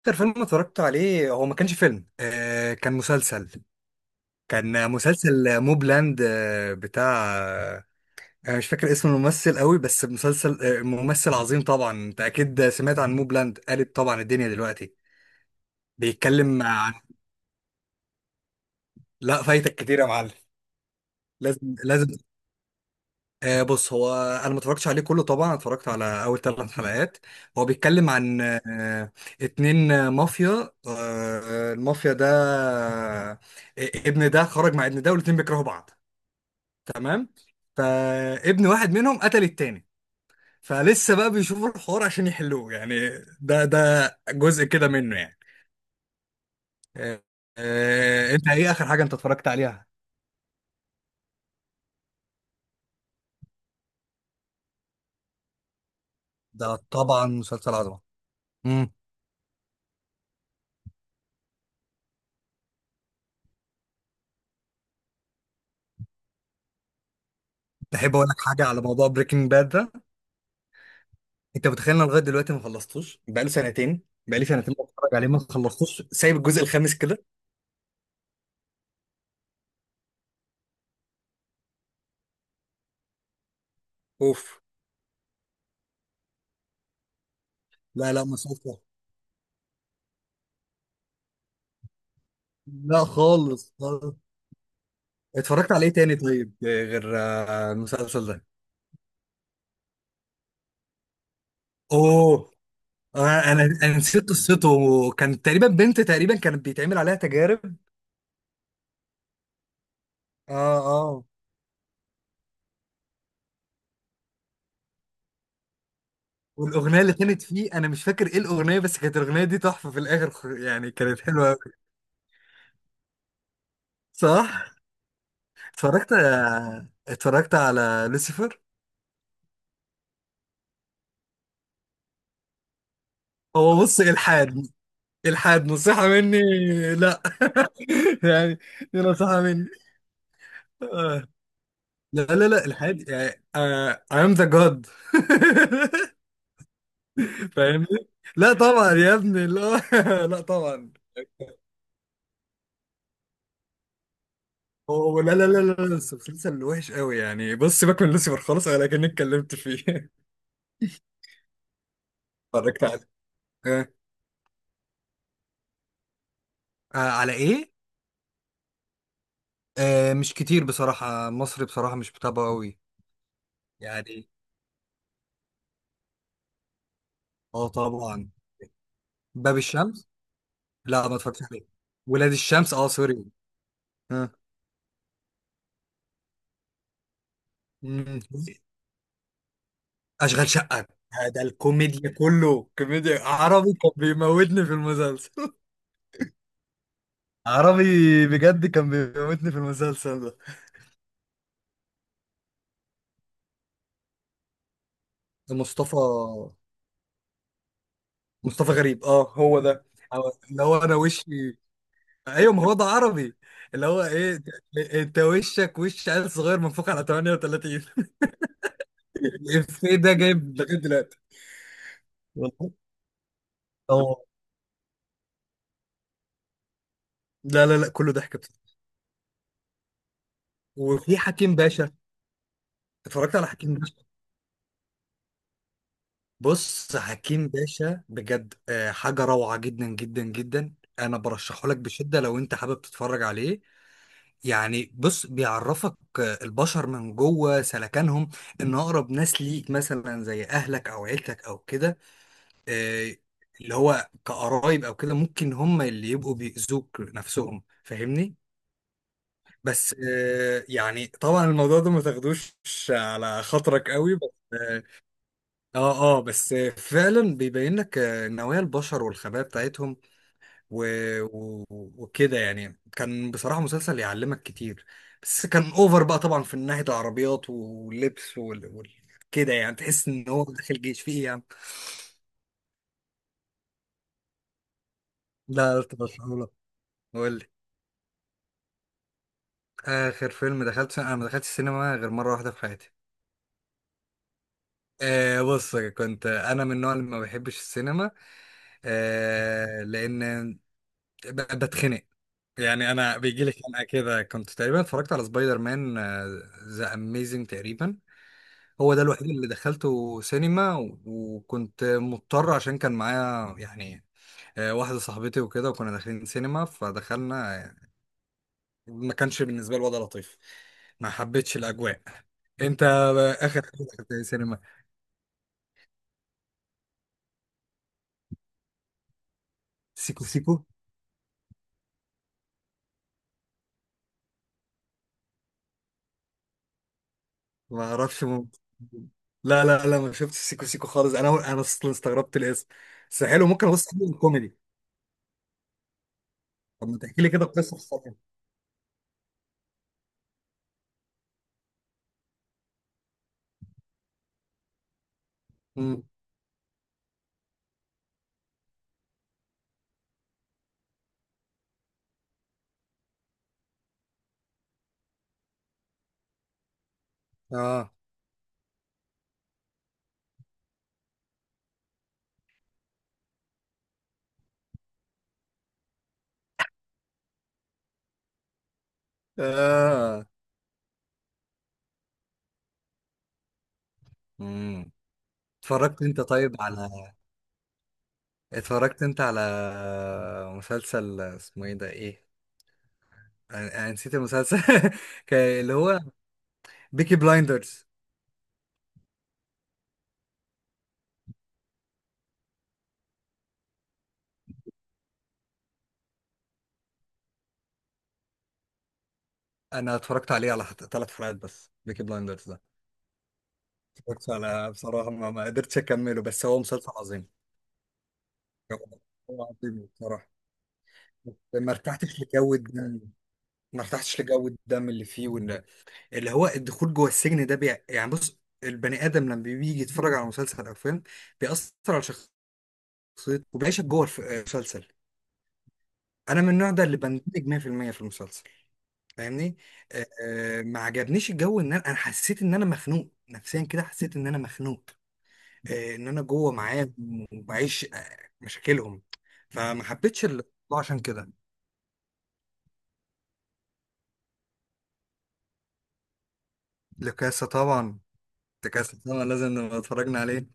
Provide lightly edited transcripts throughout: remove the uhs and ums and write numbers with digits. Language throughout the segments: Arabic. اكتر فيلم اتفرجت عليه هو ما كانش فيلم كان مسلسل. كان مسلسل موبلاند، بتاع، انا مش فاكر اسم الممثل قوي، بس مسلسل ممثل عظيم. طبعا انت اكيد سمعت عن موبلاند، قالب طبعا الدنيا دلوقتي. بيتكلم عن، لا فايتك كتير يا معلم. لازم لازم. بص هو، انا ما اتفرجتش عليه كله طبعا، اتفرجت على اول ثلاث حلقات. هو بيتكلم عن اتنين مافيا، المافيا ده. آه ابن ده خرج مع ابن ده والاتنين بيكرهوا بعض. تمام. فابن واحد منهم قتل التاني، فلسه بقى بيشوفوا الحوار عشان يحلوه يعني. ده جزء كده منه يعني. آه انت ايه اخر حاجة انت اتفرجت عليها؟ ده طبعا مسلسل عظمة. مم. تحب اقول لك حاجة على موضوع بريكنج باد ده؟ انت متخيل انا لغايه دلوقتي ما خلصتوش؟ بقاله سنتين. بقالي سنتين بتفرج عليه، ما خلصتوش، سايب الجزء الخامس كده. اوف. لا لا مسافه. لا خالص خالص. اتفرجت على ايه تاني طيب، غير المسلسل ده؟ اوه. انا نسيت قصته، وكان تقريبا بنت تقريبا كانت بيتعمل عليها تجارب. اه. اه. والاغنيه اللي كانت فيه انا مش فاكر ايه الاغنيه، بس كانت الاغنيه دي تحفه في الاخر، يعني كانت حلوه قوي. صح. اتفرجت اتفرجت على لوسيفر. هو بص الحاد. الحاد نصيحة مني. لا. يعني، دي نصيحة مني. آه. لا لا لا الحاد يعني آه I am the god. فاهمني؟ لا طبعا يا ابني، لا، لا طبعا. هو لا لا لا لا لا، بس مسلسل وحش قوي يعني. بص سيبك من لوسيفر خالص، انا كأني اتكلمت فيه. اتفرجت عليه. آه. آه على ايه؟ آه مش كتير بصراحة، مصري بصراحة مش بتابعه قوي. يعني اه طبعا. باب الشمس. لا ما اتفرجتش عليه. ولاد الشمس، اه سوري. آه. مم. اشغال شقه. ده الكوميديا، كله كوميديا عربي كان بيموتني في المسلسل. عربي، بجد كان بيموتني في المسلسل ده. مصطفى. مصطفى غريب، اه هو ده. اللي هو انا وشي. ايوه، ما هو ده عربي. اللي هو ايه، انت وشك وش عيل صغير منفوخ على 38. الإفيه ده جايب لغايه دلوقتي. والله. اه. لا لا لا، كله ضحك بصراحة. وفي حكيم باشا. اتفرجت على حكيم باشا؟ بص حكيم باشا بجد، حاجة روعة جدا جدا جدا. أنا برشحه لك بشدة لو أنت حابب تتفرج عليه. يعني بص، بيعرفك البشر من جوه سلكانهم. إن أقرب ناس ليك مثلا زي أهلك أو عيلتك أو كده، آه، اللي هو كقرايب أو كده، ممكن هم اللي يبقوا بيأذوك نفسهم. فاهمني؟ بس يعني طبعا الموضوع ده ما تاخدوش على خاطرك قوي، بس اه. اه بس فعلا بيبين لك نوايا البشر والخبايا بتاعتهم و... و... وكده يعني. كان بصراحة مسلسل يعلمك كتير، بس كان اوفر بقى طبعا في ناحية العربيات واللبس كده يعني، تحس ان هو داخل جيش فيه يعني. لا لا ترشحه لك. قول لي. اخر فيلم دخلت، انا ما دخلتش السينما غير مرة واحدة في حياتي. بص، كنت انا من النوع اللي ما بحبش السينما، لان بتخنق، يعني انا بيجي لي خناقه كده. كنت تقريبا اتفرجت على سبايدر مان ذا اميزنج تقريبا. هو ده الوحيد اللي دخلته سينما وكنت مضطر عشان كان معايا يعني، واحده صاحبتي وكده، وكنا داخلين سينما فدخلنا، ما كانش بالنسبه لي الوضع لطيف، ما حبيتش الاجواء. انت اخر حاجه دخلت إيه سينما؟ سيكو سيكو. ما اعرفش لا لا لا ما شفتش سيكو سيكو خالص، انا اصلا استغربت الاسم، بس حلو ممكن ابص عليه كوميدي. طب ما تحكي لي كده قصه. مم. اه اه. مم. اتفرجت انت طيب على، اتفرجت انت على مسلسل اسمه ايه ده ايه، انا نسيت المسلسل. اللي هو بيكي بلايندرز. انا اتفرجت عليه على ثلاث حلقات بس بيكي بلايندرز ده. اتفرجت على بصراحة ما قدرتش اكمله، بس هو مسلسل عظيم. هو عظيم بصراحة. ما ارتحتش لجو الدم. ما ارتحتش لجو الدم اللي فيه، وان اللي هو الدخول جوه السجن ده يعني بص، البني ادم لما بيجي يتفرج على مسلسل او فيلم بيأثر على شخصيته، وبيعيشك جوه المسلسل. انا من النوع ده اللي بندمج 100% في المية في المسلسل. فاهمني؟ ما عجبنيش الجو. ان انا حسيت ان انا مخنوق نفسيا كده، حسيت ان انا مخنوق، ان انا جوه معاهم وبعيش مشاكلهم، فما حبيتش الموضوع. عشان كده. لكاسة طبعا. لكاسة طبعا لازم نبقى اتفرجنا عليه.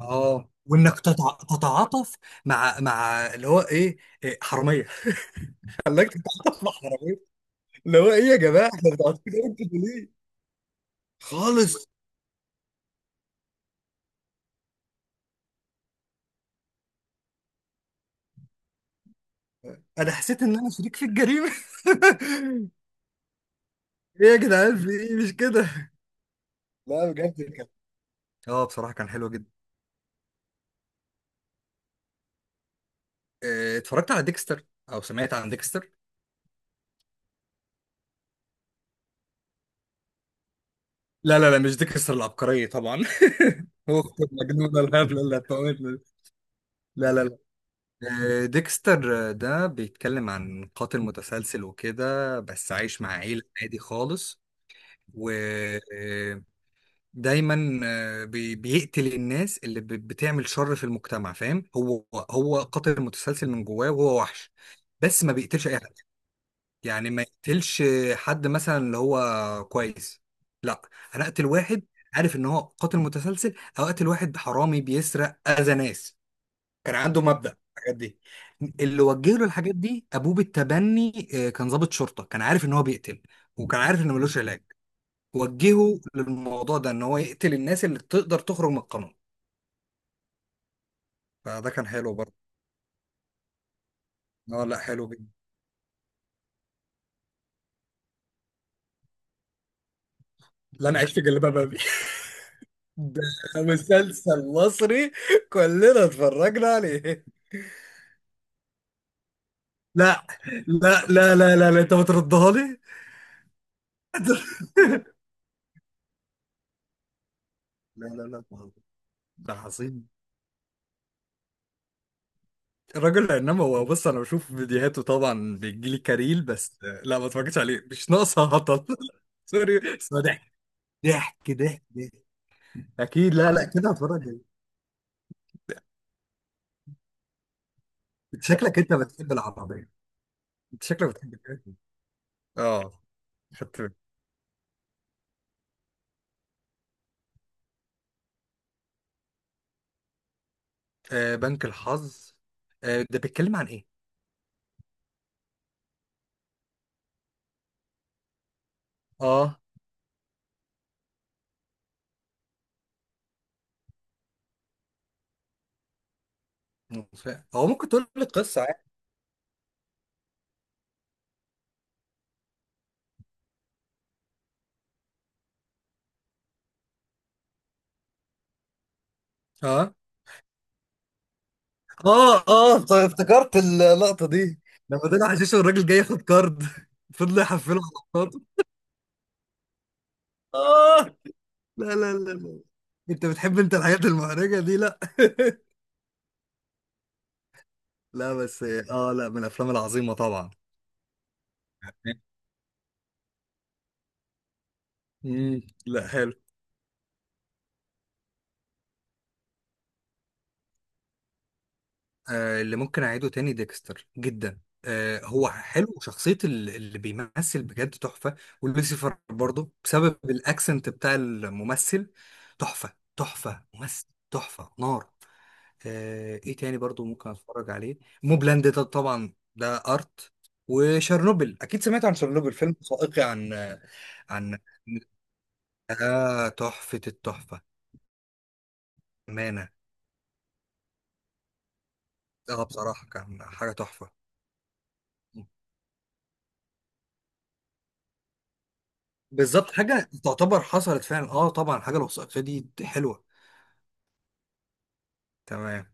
اه، وانك تتعاطف مع اللي هو ايه، إيه حراميه. خلاك تتعاطف مع حراميه. اللي هو ايه يا جماعه، احنا متعاطفين كده انتوا ليه؟ خالص. انا حسيت ان انا شريك في الجريمه. ايه يا جدعان في ايه مش كده. لا بجد كان، اه بصراحه كان حلو جدا. إيه، اتفرجت على ديكستر او سمعت عن ديكستر؟ لا لا لا مش ديكستر العبقرية طبعا. اخت المجنونة الهبلة اللي هتموتنا دي. لا لا لا. ديكستر ده بيتكلم عن قاتل متسلسل وكده، بس عايش مع عيلة عادي خالص، ودايما بيقتل الناس اللي بتعمل شر في المجتمع. فاهم هو؟ هو قاتل متسلسل من جواه وهو وحش، بس ما بيقتلش اي حد. يعني ما يقتلش حد مثلا اللي هو كويس. لا انا اقتل واحد عارف ان هو قاتل متسلسل، او اقتل واحد حرامي بيسرق اذى ناس. كان عنده مبدأ الحاجات دي. اللي وجه له الحاجات دي ابوه بالتبني، كان ضابط شرطة، كان عارف ان هو بيقتل وكان عارف ان ملوش علاج. وجهه للموضوع ده ان هو يقتل الناس اللي تقدر تخرج من القانون. فده كان حلو برضه. اه لا حلو جدا. لا انا عايش في جلباب ابي. ده مسلسل مصري كلنا اتفرجنا عليه. لا لا لا لا لا، لا. انت بتردها لي. لا لا لا ده عظيم. الراجل عناب، هو بص انا بشوف فيديوهاته طبعا، بيجيلي كاريل بس. لا ما اتفرجتش عليه، مش ناقصه هطل. سوري بس هو ضحك ضحك ضحك ضحك. اكيد، لا لا كده هتفرج عليه. انت شكلك انت بتحب العربيه. انت شكلك بتحب العربية. اه. خدت بالي. آه بنك الحظ. آه ده بيتكلم عن ايه؟ اه مش فاهم، هو ممكن تقول لي القصه عادي. اه اه اه طيب افتكرت اللقطه دي، لما طلع حشيش والراجل جاي ياخد كارد. فضل يحفله على الكارد. لا لا لا لا. انت بتحب انت الحاجات المحرجة دي، لا. لا بس اه لا من الافلام العظيمة طبعا. مم. لا حلو. آه، اللي ممكن اعيده تاني ديكستر جدا. آه هو حلو، وشخصية اللي بيمثل بجد تحفة. ولوسيفر برضه بسبب الاكسنت بتاع الممثل، تحفة تحفة، ممثل تحفة نار. آه ايه تاني برضه ممكن اتفرج عليه؟ موبلاند ده طبعا ده ارت. وشرنوبل، اكيد سمعت عن شرنوبل، فيلم وثائقي عن، ده تحفة التحفة. أمانة. اه بصراحة كان حاجة تحفة. بالظبط حاجة تعتبر حصلت فعلا. اه طبعا الحاجة الوثائقية دي حلوة. تمام.